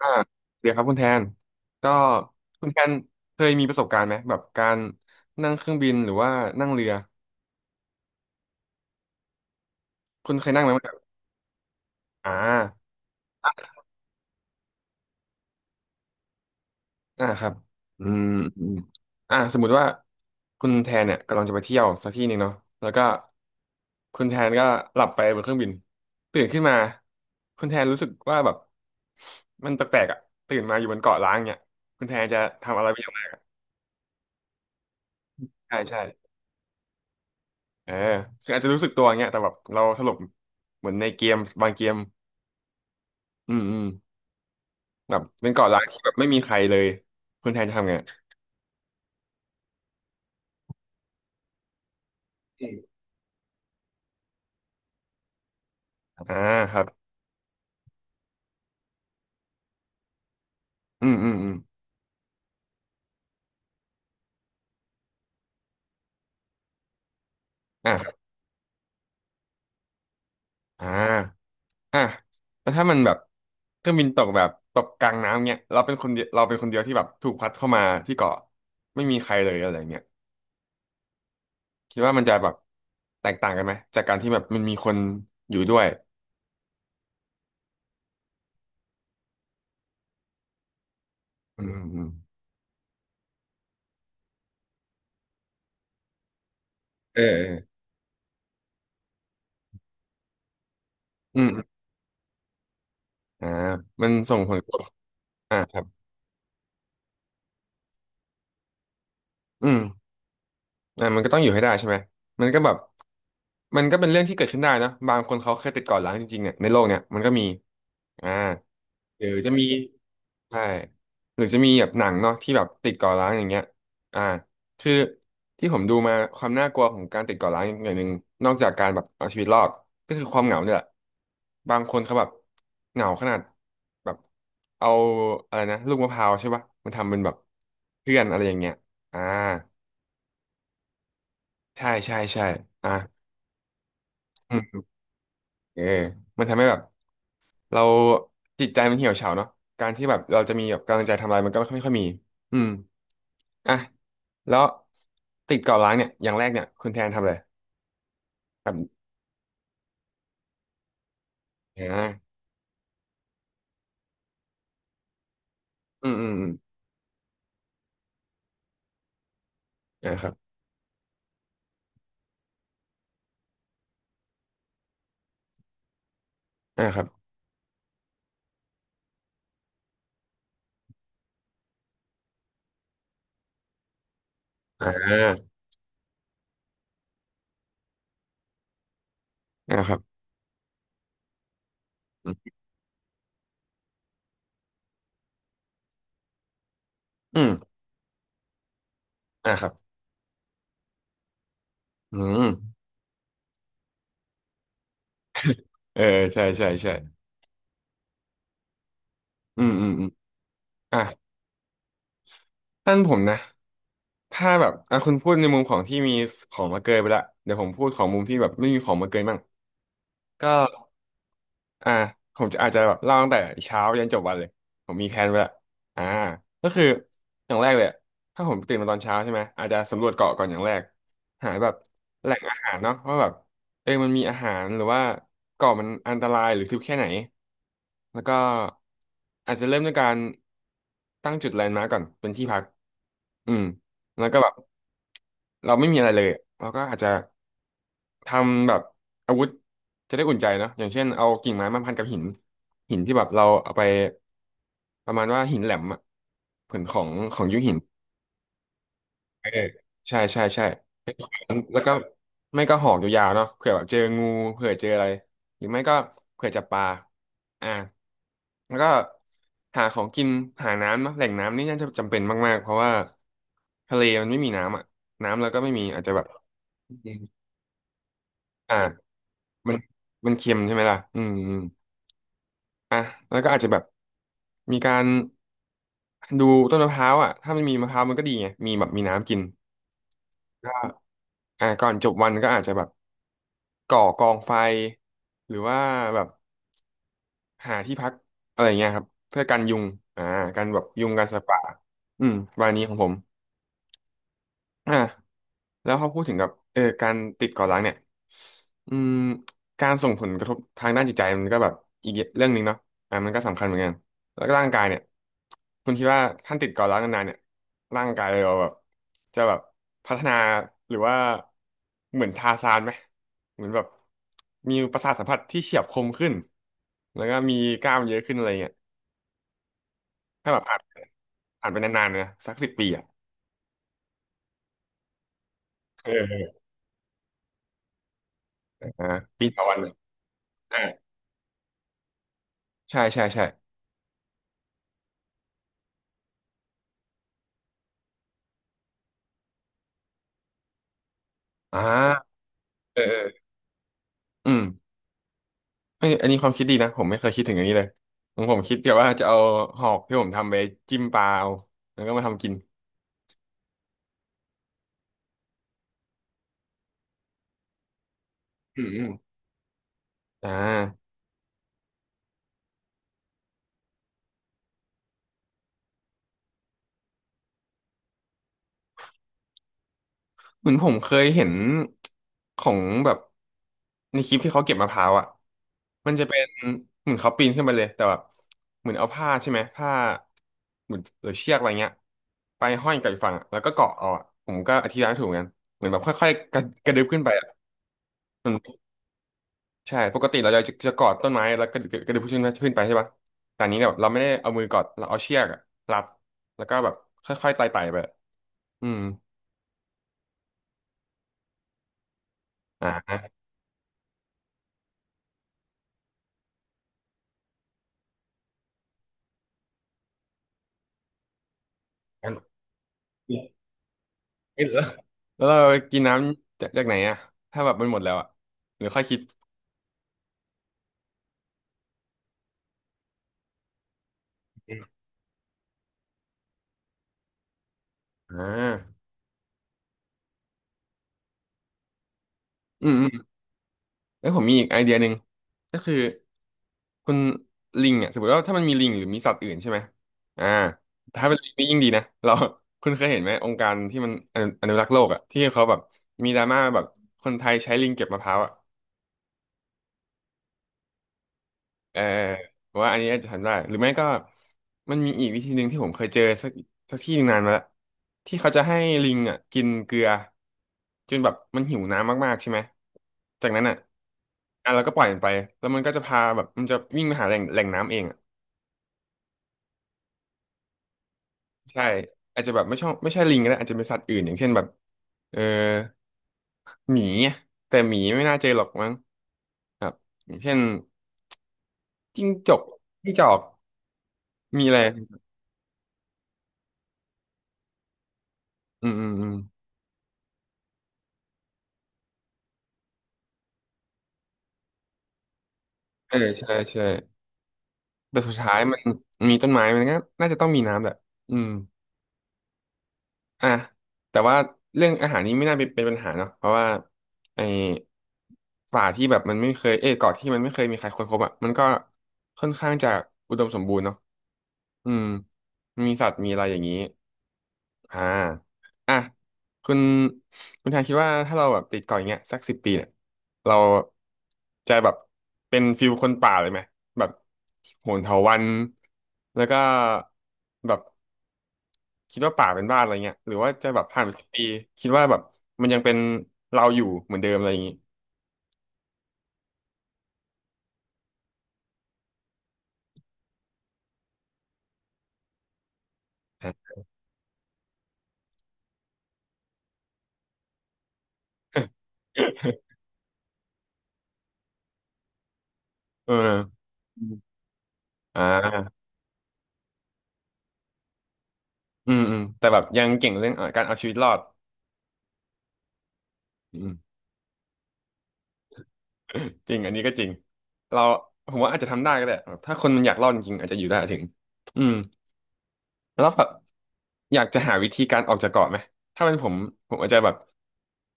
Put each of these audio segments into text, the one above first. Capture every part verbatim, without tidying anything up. อ่าเดี๋ยวครับคุณแทนก็คุณแทนเคยมีประสบการณ์ไหมแบบการนั่งเครื่องบินหรือว่านั่งเรือคุณเคยนั่งไหมแบบอ่าอ่าครับอืมอืมอ่าสมมุติว่าคุณแทนเนี่ยกำลังจะไปเที่ยวสักที่หนึ่งเนาะแล้วก็คุณแทนก็หลับไปบนเครื่องบินตื่นขึ้นมาคุณแทนรู้สึกว่าแบบมันแปลกๆอ่ะตื่นมาอยู่บนเกาะล้างเนี่ยคุณแทนจะทำอะไรเป็นอย่างแรกใช่ใช่ เออคืออาจจะรู้สึกตัวอย่างเงี้ยแต่แบบเราสลบเหมือนในเกมบางเกมอืมอืมแบบเป็นเกาะร้างที่แบบไม่มีใครเลยคุณแทนทำไงอ่าครับอืมอืมอืมอ่าอ่าอ่ะแล้วถ้ามันแบบเครื่องบินตกแบบตกกลางน้ำเงี้ยเราเป็นคนเดียวเราเป็นคนเดียวที่แบบถูกพัดเข้ามาที่เกาะไม่มีใครเลยอะไรเงี้ยคิดว่ามันจะแบบแตกต่างกันไหมจากการที่แบบมันมีคนอยู่ด้วยอืมอืมอืมเออเอออืมอมอ่ามันส่งผลกระทบอ่าครับอืม อ่ามันก็ต้องอยู่ให้ได้ใช่ไหมมันก็แบบมันก็เป็นเรื่องที่เกิดขึ้นได้นะบางคนเขาเคยติดก่อนร้างจริงๆเนี่ยในโลกเนี่ยมันก็มีอ่าหรือจะมีใช่หรือจะมีแบบหนังเนาะที่แบบติดก่อร้างอย่างเงี้ยอ่าคือที่ผมดูมาความน่ากลัวของการติดก่อร้างอย่างหนึ่งนอกจากการแบบเอาชีวิตรอดก็คือความเหงาเนี่ยแหละบางคนเขาแบบเหงาขนาดแบบเอาอะไรนะลูกมะพร้าวใช่ปะมันทำเป็นแบบเพื่อนอะไรอย่างเงี้ยอ่า ใช่ใช่ใช่อ่ะอืมเออมันทำให้แบบเราจิตใจมันเหี่ยวเฉาเนาะการที่แบบเราจะมีแบบกำลังใจทำอะไรมันก็ไม่ค่อยไม่ค่อยมีอืมอ่ะแล้วติดเกาะล้างเนี่ยอย่างแรกเนี่ยคุณแทนทำอะไรครับอ่าอืมอืมอืมอ่าครับอ่าครับอ่าอ่าครับอืมอ่าครับอืมเออใช่ใช่ใช่อืมอืมอืมอ่ะท่านผมนะถ้าแบบอ่ะคุณพูดในมุมของที่มีของมาเกยไปละเดี๋ยวผมพูดของมุมที่แบบไม่มีของมาเกยมั่งก็ อ่าผมจะอาจจะแบบเล่าตั้งแต่เช้ายันจบวันเลยผมมีแผนไว้ละอ่าก็คืออย่างแรกเลยอะถ้าผมตื่นมาตอนเช้าใช่ไหมอาจจะสำรวจเกาะก่อนอย่างแรกหาแบบแหล่งอาหารเนาะว่าแบบเออมันมีอาหารหรือว่าเกาะมันอันตรายหรือทึบแค่ไหนแล้วก็อาจจะเริ่มด้วยการตั้งจุดแลนด์มาร์กก่อนเป็นที่พักอืมแล้วก็แบบเราไม่มีอะไรเลยเราก็อาจจะ ทำแบบอาวุธจะได้อุ่นใจเนอะอย่างเช่นเอากิ่งไม้มาพันกับหินหินที่แบบเราเอาไปประมาณว่าหินแหลมอะผืนของของยุคหินเออใช่ใช่ใช่แล้วก็ไม่ก็หอกยาวๆเนาะเผื่อแบบเจองูเผื่อเจออะไรหรือไม่ก็เผื่อจับปลาอ่าแล้วก็หาของกินหาน้ำเนาะแหล่งน้ำนี่น่าจะจำเป็นมากๆเพราะว่าทะเลมันไม่มีน้ำอะน้ำแล้วก็ไม่มีอาจจะแบบอ่ามันมันเค็มใช่ไหมล่ะอืม อ่ะแล้วก็อาจจะแบบมีการดูต้นมะพร้าวอ่ะถ้ามันมีมะพร้าวมันก็ดีไงมีแบบมีน้ำกินก็อ่ะก่อนจบวันก็อาจจะแบบก่อกองไฟหรือว่าแบบหาที่พักอะไรเงี้ยครับเพื่อกันยุงอ่ากันแบบยุงกันสัตว์ป่าอืมวันนี้ของผมอ่ะ แล้วเขาพูดถึงกับเออการติดเกาะร้างเนี่ยอืมการส่งผลกระทบทางด้านจิตใจมันก็แบบอีกเรื่องหนึ่งเนาะอ่ะมันก็สำคัญเหมือนกันแล้วก็ร่างกายเนี่ยคุณคิดว่าท่านติดเกาะร้างนานๆเนี่ยร่างกายเราแบบจะแบบพัฒนาหรือว่าเหมือนทาร์ซานไหมเหมือนแบบมีประสาทสัมผัสที่เฉียบคมขึ้นแล้วก็มีกล้ามเยอะขึ้นอะไรเงี้ยถ้าแบบอ่านอ่านไปนานๆนะสักสิบปีอ่ะเออเอออ่าปีต่อวันอ่าใช่ใช่ใช่อ่าเออ อืมเอ้ยอันนี้ความคิดดีนะผมไม่เคยคิดถึงอย่างนี้เลยของผมคิดแต่ว่าจะเอาหอกที่ผมทำไปจิ้มปลาเอาแล้วก็มาทำกินอืมอมอ่าเหมือนผมเคยเห็นของแบบในคลิปที่เขาเก็บมะพร้าวอ่ะมันจะเป็นเหมือนเขาปีนขึ้นไปเลยแต่แบบเหมือนเอาผ้าใช่ไหมผ้าเหมือนหรือเชือกอะไรเงี้ยไปห้อยกับอีกฝั่งอะแล้วก็เกาะเอาอะผมก็อธิบายไม่ถูกเหมือนกันเหมือนแบบค่อยๆกระกระดึบขึ้นไปอ่ะ ใช่ปกติเราจะจะกอดต้นไม้แล้วก็กระดึบขึ้นขึ้นไปใช่ปะแต่อันนี้เนี่ยแบบเราไม่ได้เอามือกอดเราเอาเชือกอะรัดแล้วก็แบบค่อยๆไต่ไตไปอืมอ่างั้นเหลือแล้วเรากินน้ำจากจากไหนอะถ้าแบบมันหมดแล้วอะหรือค่อยคิดอ่าอืมอืมแล้วผมมีอีกไอเดียหนึ่งก็คือ คุณลิงอ่ะสมมติว่าถ้ามันมีลิงหรือมีสัตว์อื่นใช่ไหมอ่าถ้าเป็นลิงนี่ยิ่งดีนะเรา คุณเคยเห็นไหมองค์การที่มันอนุอนุรักษ์โลกอ่ะที่เขาแบบมีดราม่าแบบคนไทยใช้ลิงเก็บมะพร้าวอ่ะเออว่าอันนี้อาจจะทำได้หรือไม่ก็มันมีอีกวิธีหนึ่งที่ผมเคยเจอสักสักที่หนึ่งนานมาแล้วที่เขาจะให้ลิงอ่ะกินเกลือจนแบบมันหิวน้ำมากๆใช่ไหมจากนั้นอ่ะอ่ะเราก็ปล่อยมันไปแล้วมันก็จะพาแบบมันจะวิ่งไปหาแหล่งแหล่งน้ำเองอ่ะ ใช่อาจจะแบบไม่ชอบไม่ใช่ลิงก็ได้อาจจะเป็นสัตว์อื่นอย่างเช่นแบบเออหมีอะแต่หมีไม่น่าเจอหรอกมั้งครับอย่างเช่นจิ้งจกจิ้งจอกมีอะไรอืมอืมอืมเออใช่ใช่แต่สุดท้ายมันมีต้นไม้มันก็น่าจะต้องมีน้ำแหละอืมอ่ะแต่ว่าเรื่องอาหารนี้ไม่น่าเป็นเป็นปัญหาเนาะเพราะว่าไอ้ป่าที่แบบมันไม่เคยเอ้ยเกาะที่มันไม่เคยมีใครค้นพบอ่ะมันก็ค่อนข้างจะอุดมสมบูรณ์เนาะอืมมีสัตว์มีอะไรอย่างนี้ อ่าอ่ะคุณคุณทางคิดว่าถ้าเราแบบติดเกาะอย่างเงี้ยสักสิบปีเนี่ย เราจะแบบเป็นฟิลคนป่าเลยไหมแบบโหนเถาวัลย์แล้วก็แบบคิดว่าป่าเป็นบ้านอะไรเงี้ยหรือว่าจะแบบผ่านไปสิบปีคิดว่าแบบมันยังเป็นเราอยู่เหมือนเดิมอะไรอย่างงี้ฮะ เอออ่าอืมอืมแต่แบบยังเก่งเรื่องเอ่อการเอาชีวิตรอดอืม จริงอันนี้ก็จริงเราผมว่าอาจจะทำได้ก็ได้แบบถ้าคนมันอยากรอดจริงๆอาจจะอยู่ได้ถึงอืมแล้วแบบอยากจะหาวิธีการออกจากเกาะไหมถ้าเป็นผมผมอาจจะแบบ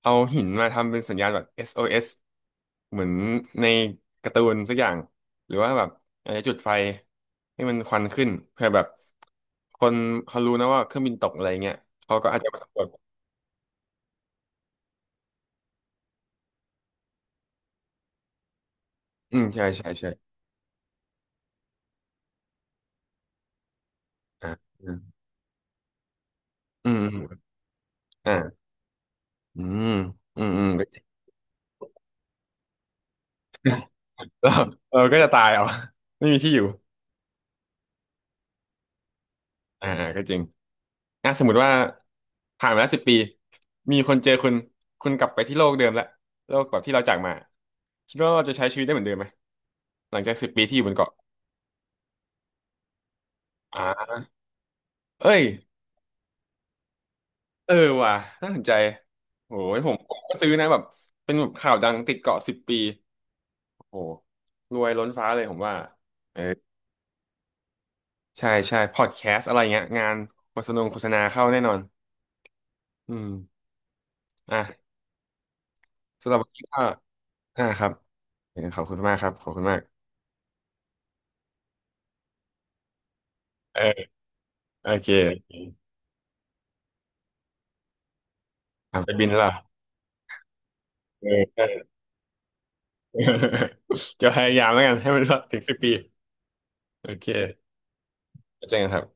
เอาหินมาทำเป็นสัญญาณแบบ เอส โอ เอส เอสเหมือนในการ์ตูนสักอย่างหรือว่าแบบอาจจะจุดไฟให้มันควันขึ้นเพื่อแบบคนเขารู้นะว่าเครื่องบินตกอะไรเงี้ยเขาก็อาจจะมาสำรวจอืมใช่ใช่ใช่อ่าอืมอืมอืมอ่าอืมอืมอืม เราเราก็จะตายเอา ไม่มีที่อยู่อ่าอ่าก็จริงอ่ะสมมติว่าผ่านมาแล้วสิบปีมีคนเจอคุณคุณกลับไปที่โลกเดิมละโลกแบบที่เราจากมาคิดว่าเราจะใช้ชีวิตได้เหมือนเดิมไหมหลังจากสิบปีที่อยู่บนเกาะอ่าเอ้ยเออว่ะน่าสนใจโหยผมผมก็ซื้อนะแบบเป็นแบบข่าวดังติดเกาะสิบปีโอ้โหรวยล้นฟ้าเลยผมว่าเออใช่ใช่พอดแคสต์อะไรเงี้ยงานโฆษณาโฆษณาเข้าแน่นอนอืมอ่ะสำหรับวันนี้ก็ อ่าครับเออขอบคุณมากครับขอบคุณมากเออโอเคอ่ะไปบินแล้วล่ะเออเออ จะพยายามแล้วกันให้มันรอดถึงสิบปีโอเคแล้วเจอกันครับ